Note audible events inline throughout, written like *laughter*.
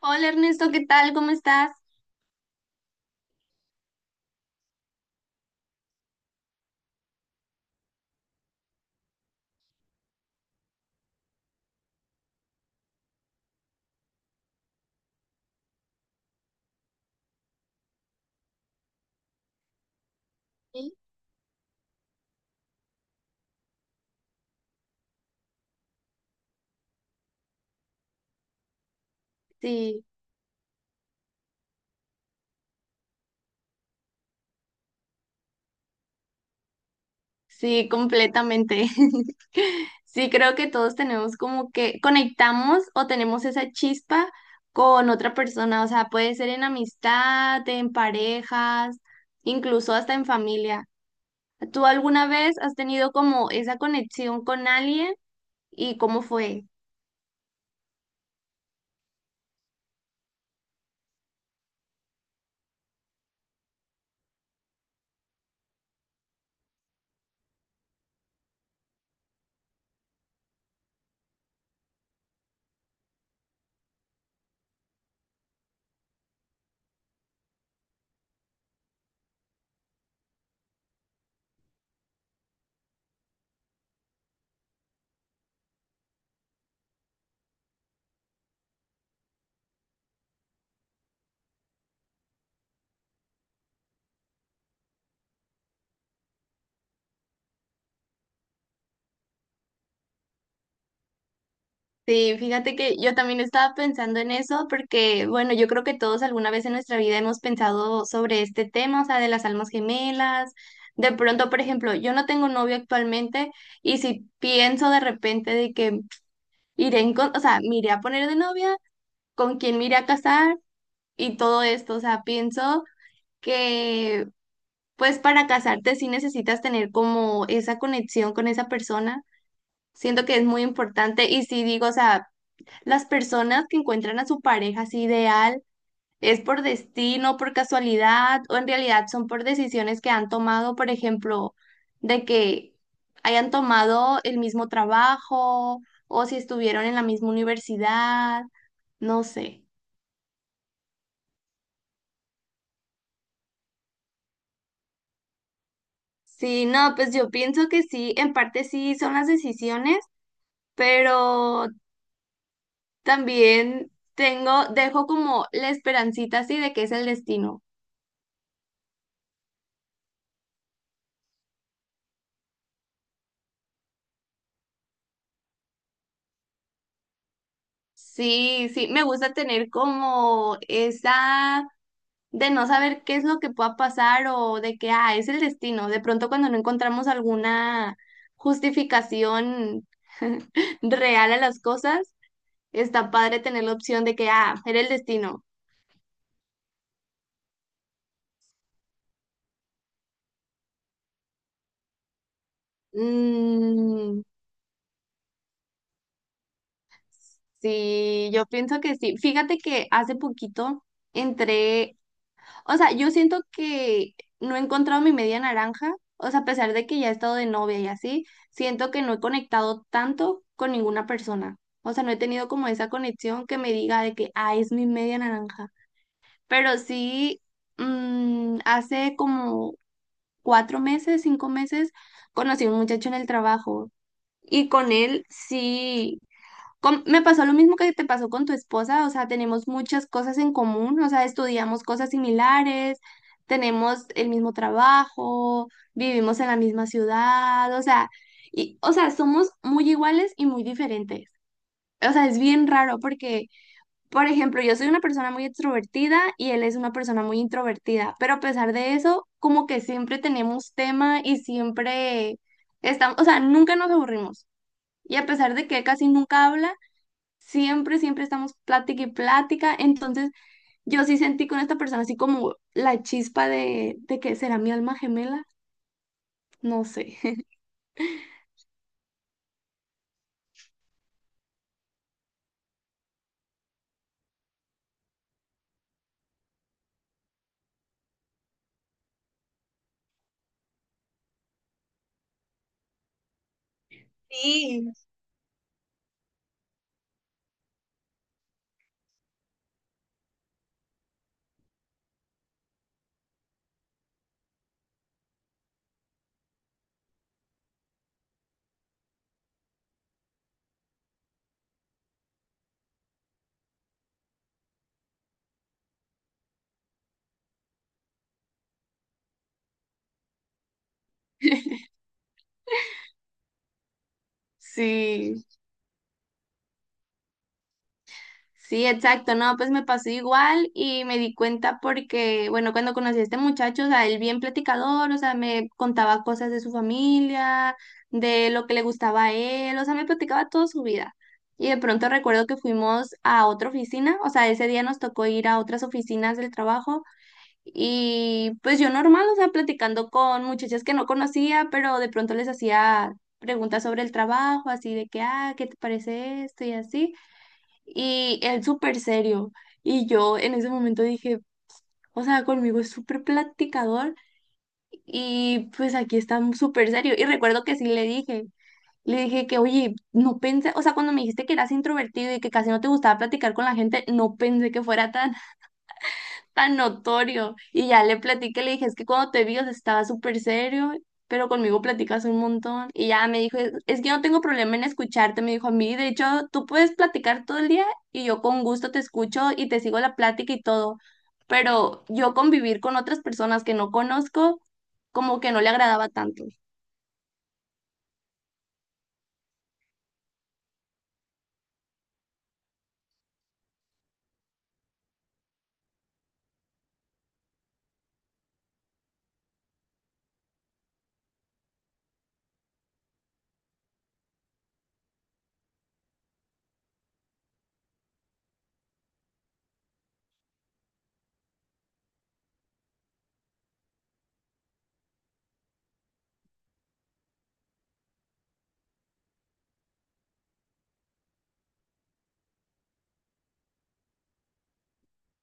Hola Ernesto, ¿qué tal? ¿Cómo estás? Sí. Sí, sí, completamente. *laughs* Sí, creo que todos tenemos como que conectamos o tenemos esa chispa con otra persona, o sea, puede ser en amistad, en parejas, incluso hasta en familia. ¿Tú alguna vez has tenido como esa conexión con alguien y cómo fue? Sí, fíjate que yo también estaba pensando en eso porque, bueno, yo creo que todos alguna vez en nuestra vida hemos pensado sobre este tema, o sea, de las almas gemelas. De pronto, por ejemplo, yo no tengo novio actualmente y si pienso de repente de que iré en, o sea, me iré a poner de novia, con quién me iré a casar y todo esto, o sea, pienso que pues para casarte sí necesitas tener como esa conexión con esa persona. Siento que es muy importante y sí digo, o sea, las personas que encuentran a su pareja así ideal, ¿es por destino, por casualidad o en realidad son por decisiones que han tomado, por ejemplo, de que hayan tomado el mismo trabajo o si estuvieron en la misma universidad? No sé. Sí, no, pues yo pienso que sí, en parte sí son las decisiones, pero también tengo, dejo como la esperancita así de que es el destino. Sí, sí, me gusta tener como esa de no saber qué es lo que pueda pasar o de que, ah, es el destino. De pronto cuando no encontramos alguna justificación *laughs* real a las cosas, está padre tener la opción de que, ah, era el destino. Mm, sí, yo pienso que sí. Fíjate que hace poquito entré. O sea, yo siento que no he encontrado mi media naranja, o sea, a pesar de que ya he estado de novia y así, siento que no he conectado tanto con ninguna persona. O sea, no he tenido como esa conexión que me diga de que, ah, es mi media naranja. Pero sí, hace como 4 meses, 5 meses, conocí a un muchacho en el trabajo y con él sí me pasó lo mismo que te pasó con tu esposa, o sea, tenemos muchas cosas en común, o sea, estudiamos cosas similares, tenemos el mismo trabajo, vivimos en la misma ciudad, o sea, y, o sea, somos muy iguales y muy diferentes. O sea, es bien raro porque, por ejemplo, yo soy una persona muy extrovertida y él es una persona muy introvertida, pero a pesar de eso, como que siempre tenemos tema y siempre estamos, o sea, nunca nos aburrimos. Y a pesar de que él casi nunca habla, siempre, siempre estamos plática y plática. Entonces, yo sí sentí con esta persona así como la chispa de que será mi alma gemela. No sé. *laughs* Sí. Sí, sí, exacto. No, pues me pasó igual y me di cuenta porque, bueno, cuando conocí a este muchacho, o sea, él bien platicador, o sea, me contaba cosas de su familia, de lo que le gustaba a él, o sea, me platicaba toda su vida. Y de pronto recuerdo que fuimos a otra oficina, o sea, ese día nos tocó ir a otras oficinas del trabajo. Y pues yo normal, o sea, platicando con muchachas que no conocía, pero de pronto les hacía preguntas sobre el trabajo, así de que, ah, ¿qué te parece esto? Y así. Y él súper serio. Y yo en ese momento dije, o sea, conmigo es súper platicador y pues aquí está súper serio. Y recuerdo que sí le dije que, oye, no pensé, o sea, cuando me dijiste que eras introvertido y que casi no te gustaba platicar con la gente, no pensé que fuera tan tan notorio. Y ya le platiqué, le dije, es que cuando te vi, o sea, estaba súper serio, pero conmigo platicas un montón. Y ya me dijo, es que yo no tengo problema en escucharte, me dijo a mí, de hecho, tú puedes platicar todo el día y yo con gusto te escucho y te sigo la plática y todo. Pero yo convivir con otras personas que no conozco, como que no le agradaba tanto.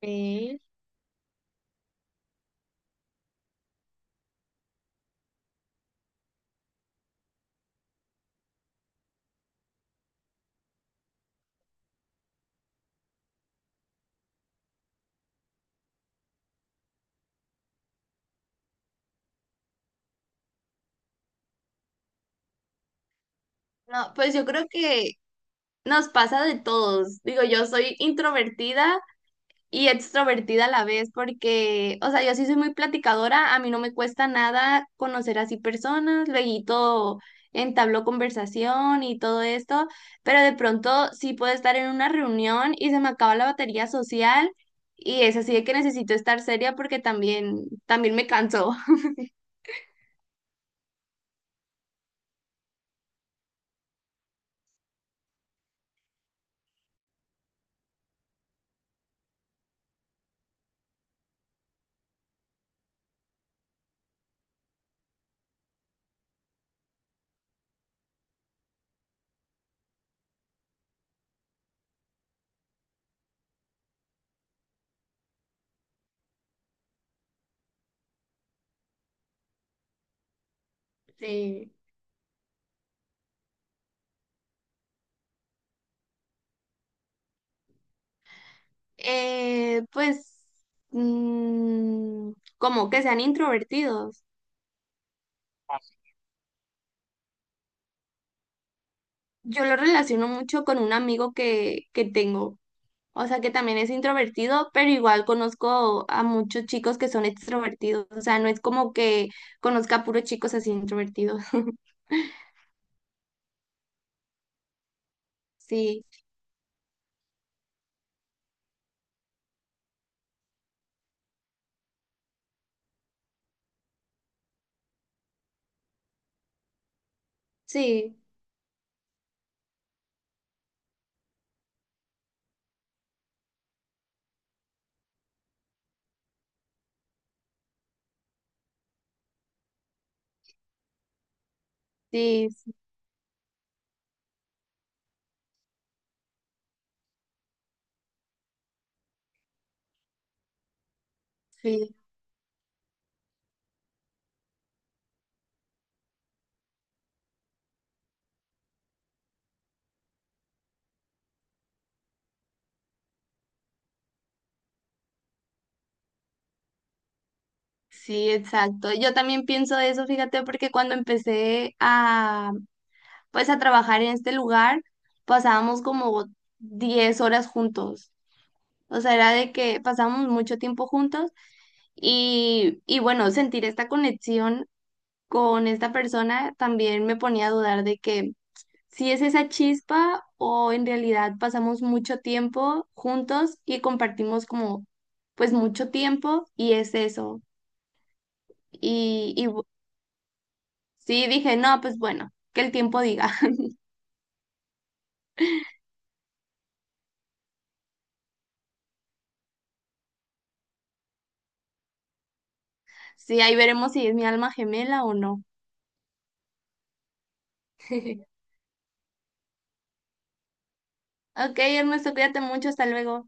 Sí. No, pues yo creo que nos pasa de todos. Digo, yo soy introvertida y extrovertida a la vez, porque, o sea, yo sí soy muy platicadora, a mí no me cuesta nada conocer así personas, luego entabló conversación y todo esto, pero de pronto sí puedo estar en una reunión y se me acaba la batería social y es así de que necesito estar seria porque también, también me canso. *laughs* Sí. Pues, mm, como que sean introvertidos. Yo lo relaciono mucho con un amigo que tengo. O sea, que también es introvertido, pero igual conozco a muchos chicos que son extrovertidos. O sea, no es como que conozca a puros chicos así introvertidos. *laughs* Sí, sí, sí, sí, sí, exacto. Yo también pienso eso, fíjate, porque cuando empecé a, pues, a trabajar en este lugar, pasábamos como 10 horas juntos. O sea, era de que pasábamos mucho tiempo juntos y bueno, sentir esta conexión con esta persona también me ponía a dudar de que si es esa chispa o en realidad pasamos mucho tiempo juntos y compartimos como pues mucho tiempo y es eso. Y sí dije, no, pues bueno, que el tiempo diga. *laughs* Sí, ahí veremos si es mi alma gemela o no. *laughs* Ok, Ernesto, cuídate mucho, hasta luego.